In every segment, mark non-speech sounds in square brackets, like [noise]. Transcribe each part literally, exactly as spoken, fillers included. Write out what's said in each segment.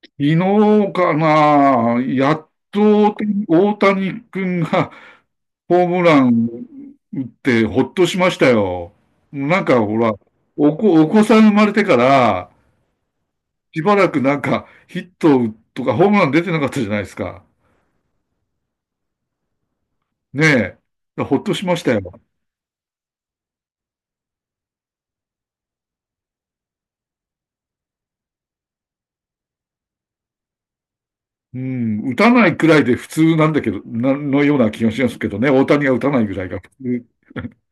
昨日かな、やっと大谷君が [laughs] ホームラン打ってほっとしましたよ。なんかほら、お子、お子さん生まれてから、しばらくなんかヒットとかホームラン出てなかったじゃないですか。ねえ。ほっとしましたよ。うん。打たないくらいで普通なんだけど、な、のような気がしますけどね。大谷が打たないぐらいが普通。[laughs]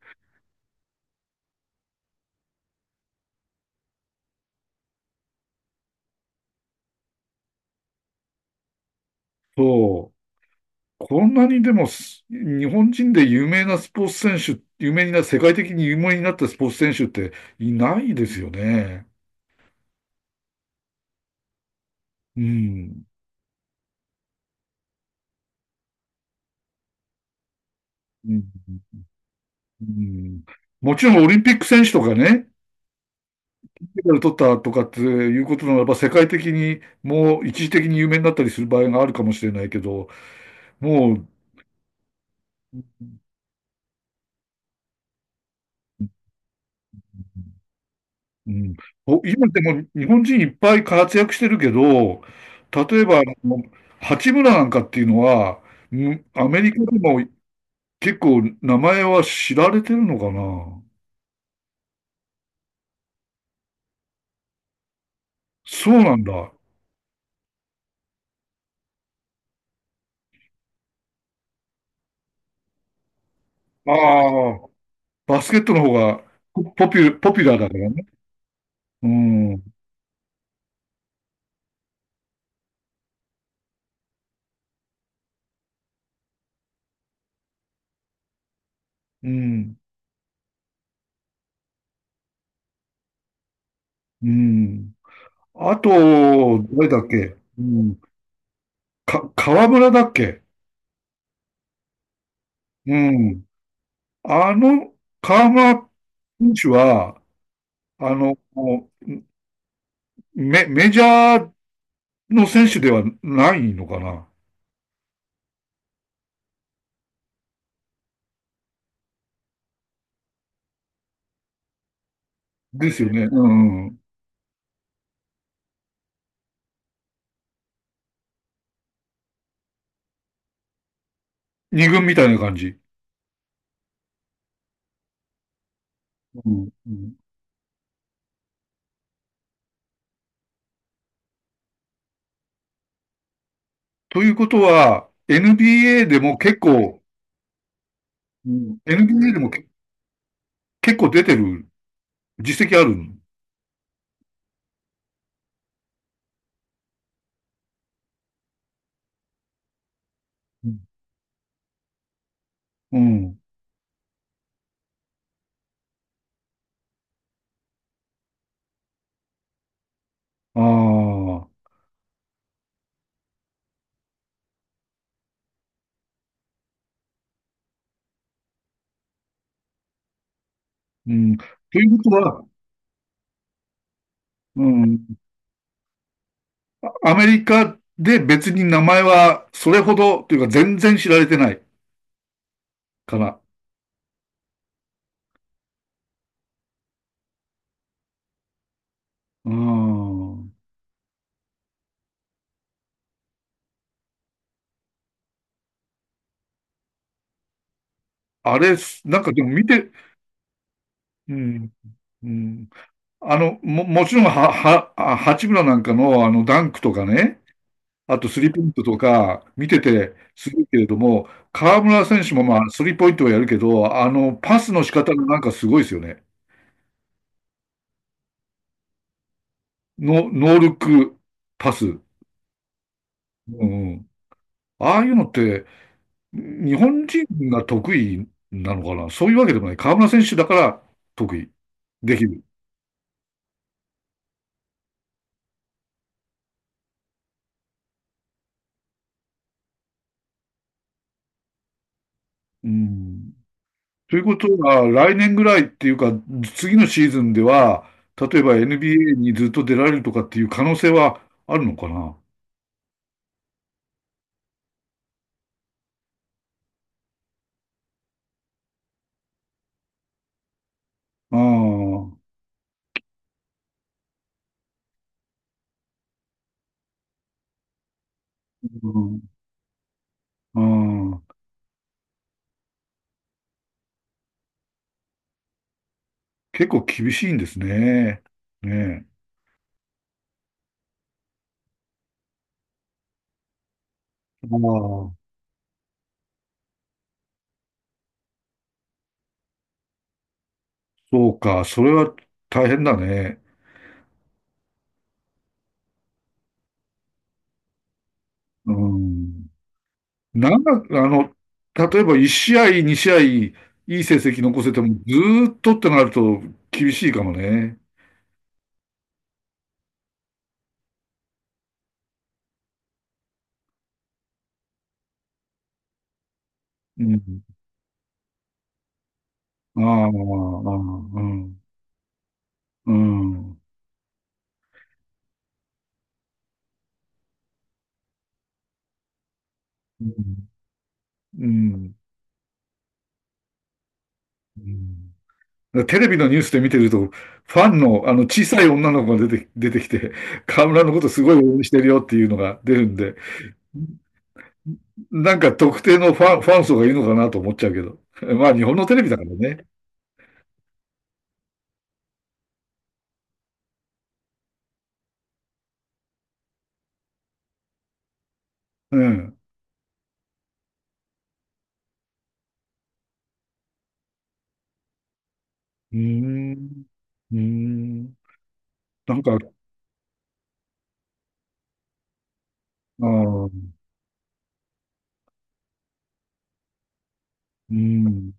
そう。こんなにでもす、日本人で有名なスポーツ選手、有名にな、世界的に有名になったスポーツ選手っていないですよね。うん。うん。うんもちろんオリンピック選手とかね、メダル取ったとかっていうことならば、世界的にもう一時的に有名になったりする場合があるかもしれないけど、もう、うん、お今でも日本人いっぱい活躍してるけど、例えば、あの八村なんかっていうのは、うんアメリカでも結構名前は知られてるのかな。そうなんだ。ああ、バスケットの方がポポピュ、ポピュラーだからね。うん、うん、うん。あと、誰だっけうん、か、河村だっけ。うん。あの、河村選手は、あの、メ、メジャーの選手ではないのかな。ですよね。うん。二軍みたいな感じ。うん。うん。ということは、エヌビーエー でも結構、エヌビーエー でも結構出てる実績ある。うん。ああ。うん。ということは、うん。アメリカで別に名前はそれほどというか全然知られてないかな。うん。あれ、なんかでも見て、うん。うん、あの、も、もちろんは、は、あ八村なんかのあのダンクとかね、あとスリーポイントとか見ててすごいけれども、河村選手もまあスリーポイントはやるけど、あのパスの仕方がなんかすごいですよね。ノノールックパス。うん。ああいうのって日本人が得意なのかな。そういうわけでもない。河村選手だから得意。できる。うん。ということは、来年ぐらいっていうか、次のシーズンでは、例えば エヌビーエー にずっと出られるとかっていう可能性はあるのかな。ああー、うん。ああ、結構厳しいんですね。ねえ。ああ、そうか。それは大変だね。うん。なんだ、あの、例えばいち試合、に試合、いい成績残せても、ずーっとってなると厳しいかもね。うん。ああ、ああ、うん。うん。うん。うん。うん。テレビのニュースで見てると、ファンの、あの、小さい女の子が出て、出てきて、河村のことすごい応援してるよっていうのが出るんで、なんか特定のファン、ファン層がいるのかなと思っちゃうけど。[laughs] まあ日本のテレビだからね。うん。うーん。うーん。なんか、ああ、うーん。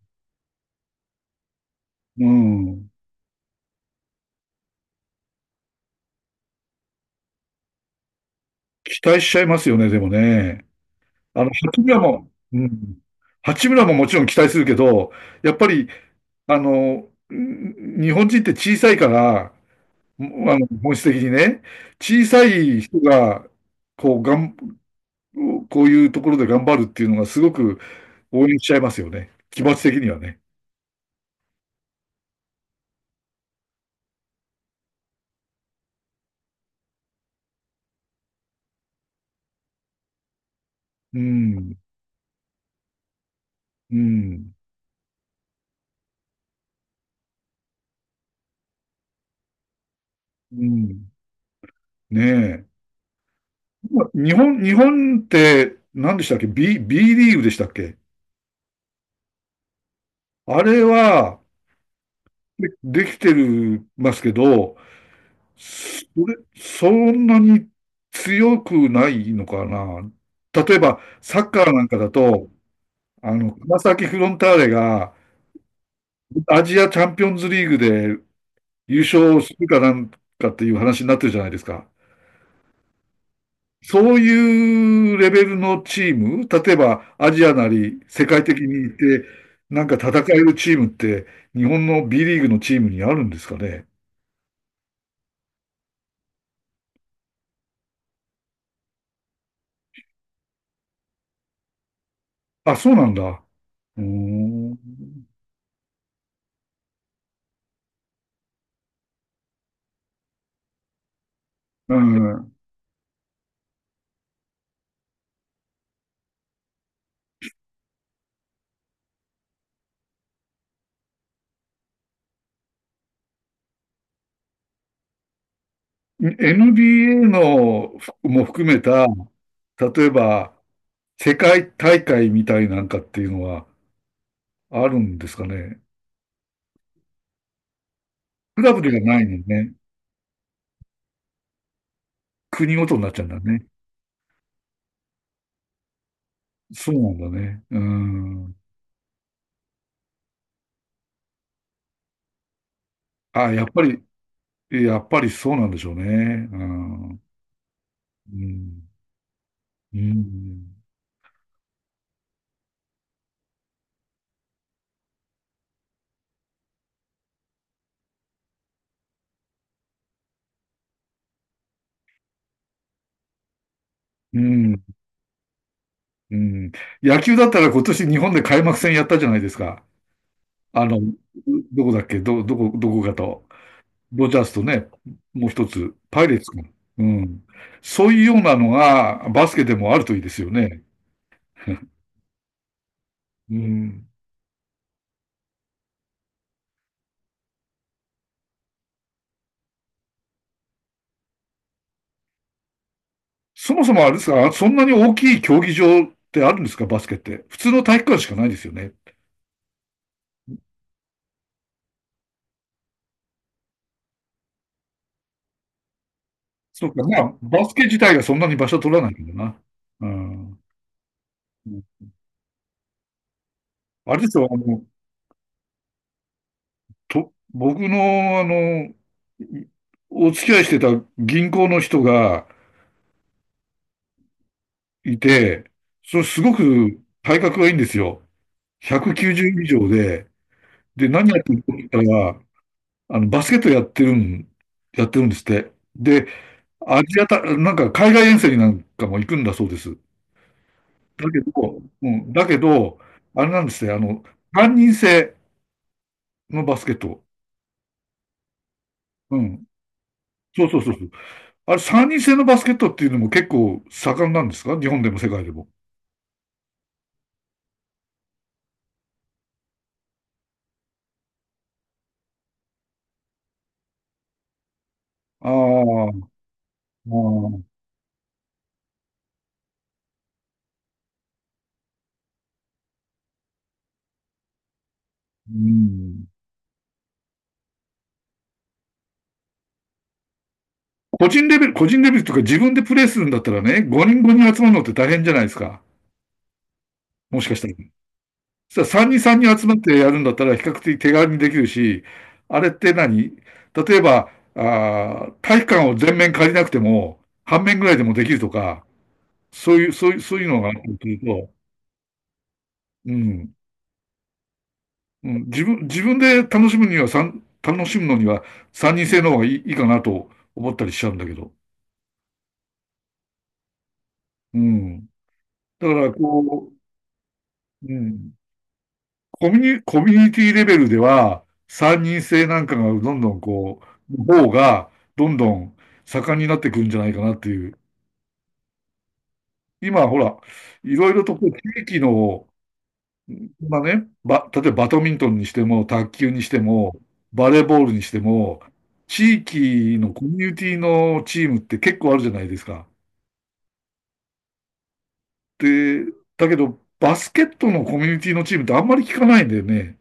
うーん。期待しちゃいますよね、でもね。あの、八村も、うん。八村ももちろん期待するけど、やっぱり、あの、うん、日本人って小さいから、もあの、本質的にね、小さい人が、こう、がん、こういうところで頑張るっていうのがすごく応援しちゃいますよね。気持ち的にはね。うん、うん、うん。ねえ。ま日本、日本って、何でしたっけ ?B、B リーグでしたっけ。あれは、で、できてる、ますけど、それ、そんなに強くないのかな。例えば、サッカーなんかだと、あの、川崎フロンターレが、アジアチャンピオンズリーグで優勝するかなんかっていう話になってるじゃないですか。そういうレベルのチーム、例えばアジアなり世界的にいて、なんか戦えるチームって、日本の B リーグのチームにあるんですかね。あ、そうなんだ。うーん。うん、エヌビーエー のも含めた、例えば世界大会みたいなんかっていうのはあるんですかね。クラブではないのね。国ごとになっちゃうんだね。そうなんだね。うん。あ、やっぱり、やっぱりそうなんでしょうね。うん。うん。うん。うん。うん。野球だったら今年日本で開幕戦やったじゃないですか。あの、どこだっけど、どこ、どこかと。ドジャースとね、もう一つ、パイレーツか。うん。そういうようなのがバスケでもあるといいですよね。[laughs] うん。そもそもあれですか、そんなに大きい競技場ってあるんですか、バスケって。普通の体育館しかないですよね。そうか、まあ、バスケ自体がそんなに場所取らないけどな。うん。うん。あれですよ、あの、と、僕の、あの、いお付き合いしてた銀行の人がいて、それすごく体格がいいんですよ。ひゃくきゅうじゅう以上で、で、何やってるかって言ったら、あの、バスケットやってるん、やってるんですって。で、アジアた、なんか海外遠征になんかも行くんだそうです。だけど、うん、だけど、あれなんですね、あの、三人制のバスケット。うん。そうそうそうそう。あれ、三人制のバスケットっていうのも結構盛んなんですか、日本でも世界でも。ああ、ああ、うん。個人レベル、個人レベルというか自分でプレーするんだったらね、ごにんごにん集まるのって大変じゃないですか。もしかしたら。そしたらさんにんさんにん集まってやるんだったら比較的手軽にできるし、あれって何、例えば、あー体育館を全面借りなくても、半面ぐらいでもできるとか、そういう、そういう、そういうのがあると、うん。うん、自分、自分で楽しむには、さん楽しむのには三人制の方がいい、いいかなと思ったりしちゃうんだけど。うん。だから、こう、うん、コミュニ、コミュニティレベルでは、三人制なんかがどんどんこう、の方が、どんどん盛んになってくるんじゃないかなっていう。今、ほら、いろいろとこう地域の、まあね、ば、例えばバドミントンにしても、卓球にしても、バレーボールにしても、地域のコミュニティのチームって結構あるじゃないですか。で、だけど、バスケットのコミュニティのチームってあんまり聞かないんだよね。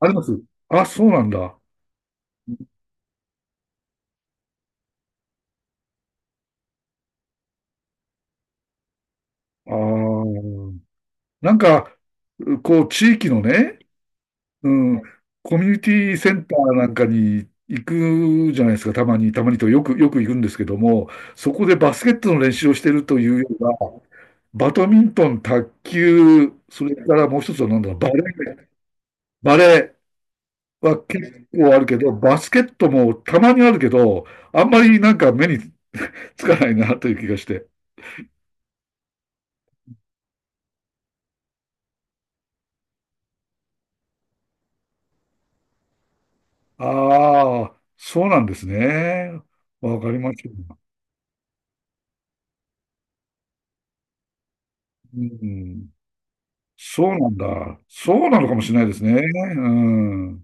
あります、あ、そうなんだ。ああ、なんか、こう、地域のね、うん、コミュニティセンターなんかに行くじゃないですか、たまに、たまにとよく、よく行くんですけども、そこでバスケットの練習をしてるというよりは、バドミントン、卓球、それからもう一つは何だろう、バレー、バレーは結構あるけど、バスケットもたまにあるけど、あんまりなんか目につかないなという気がして。ああ、そうなんですね。わかりました。うん、そうなんだ。そうなのかもしれないですね。うん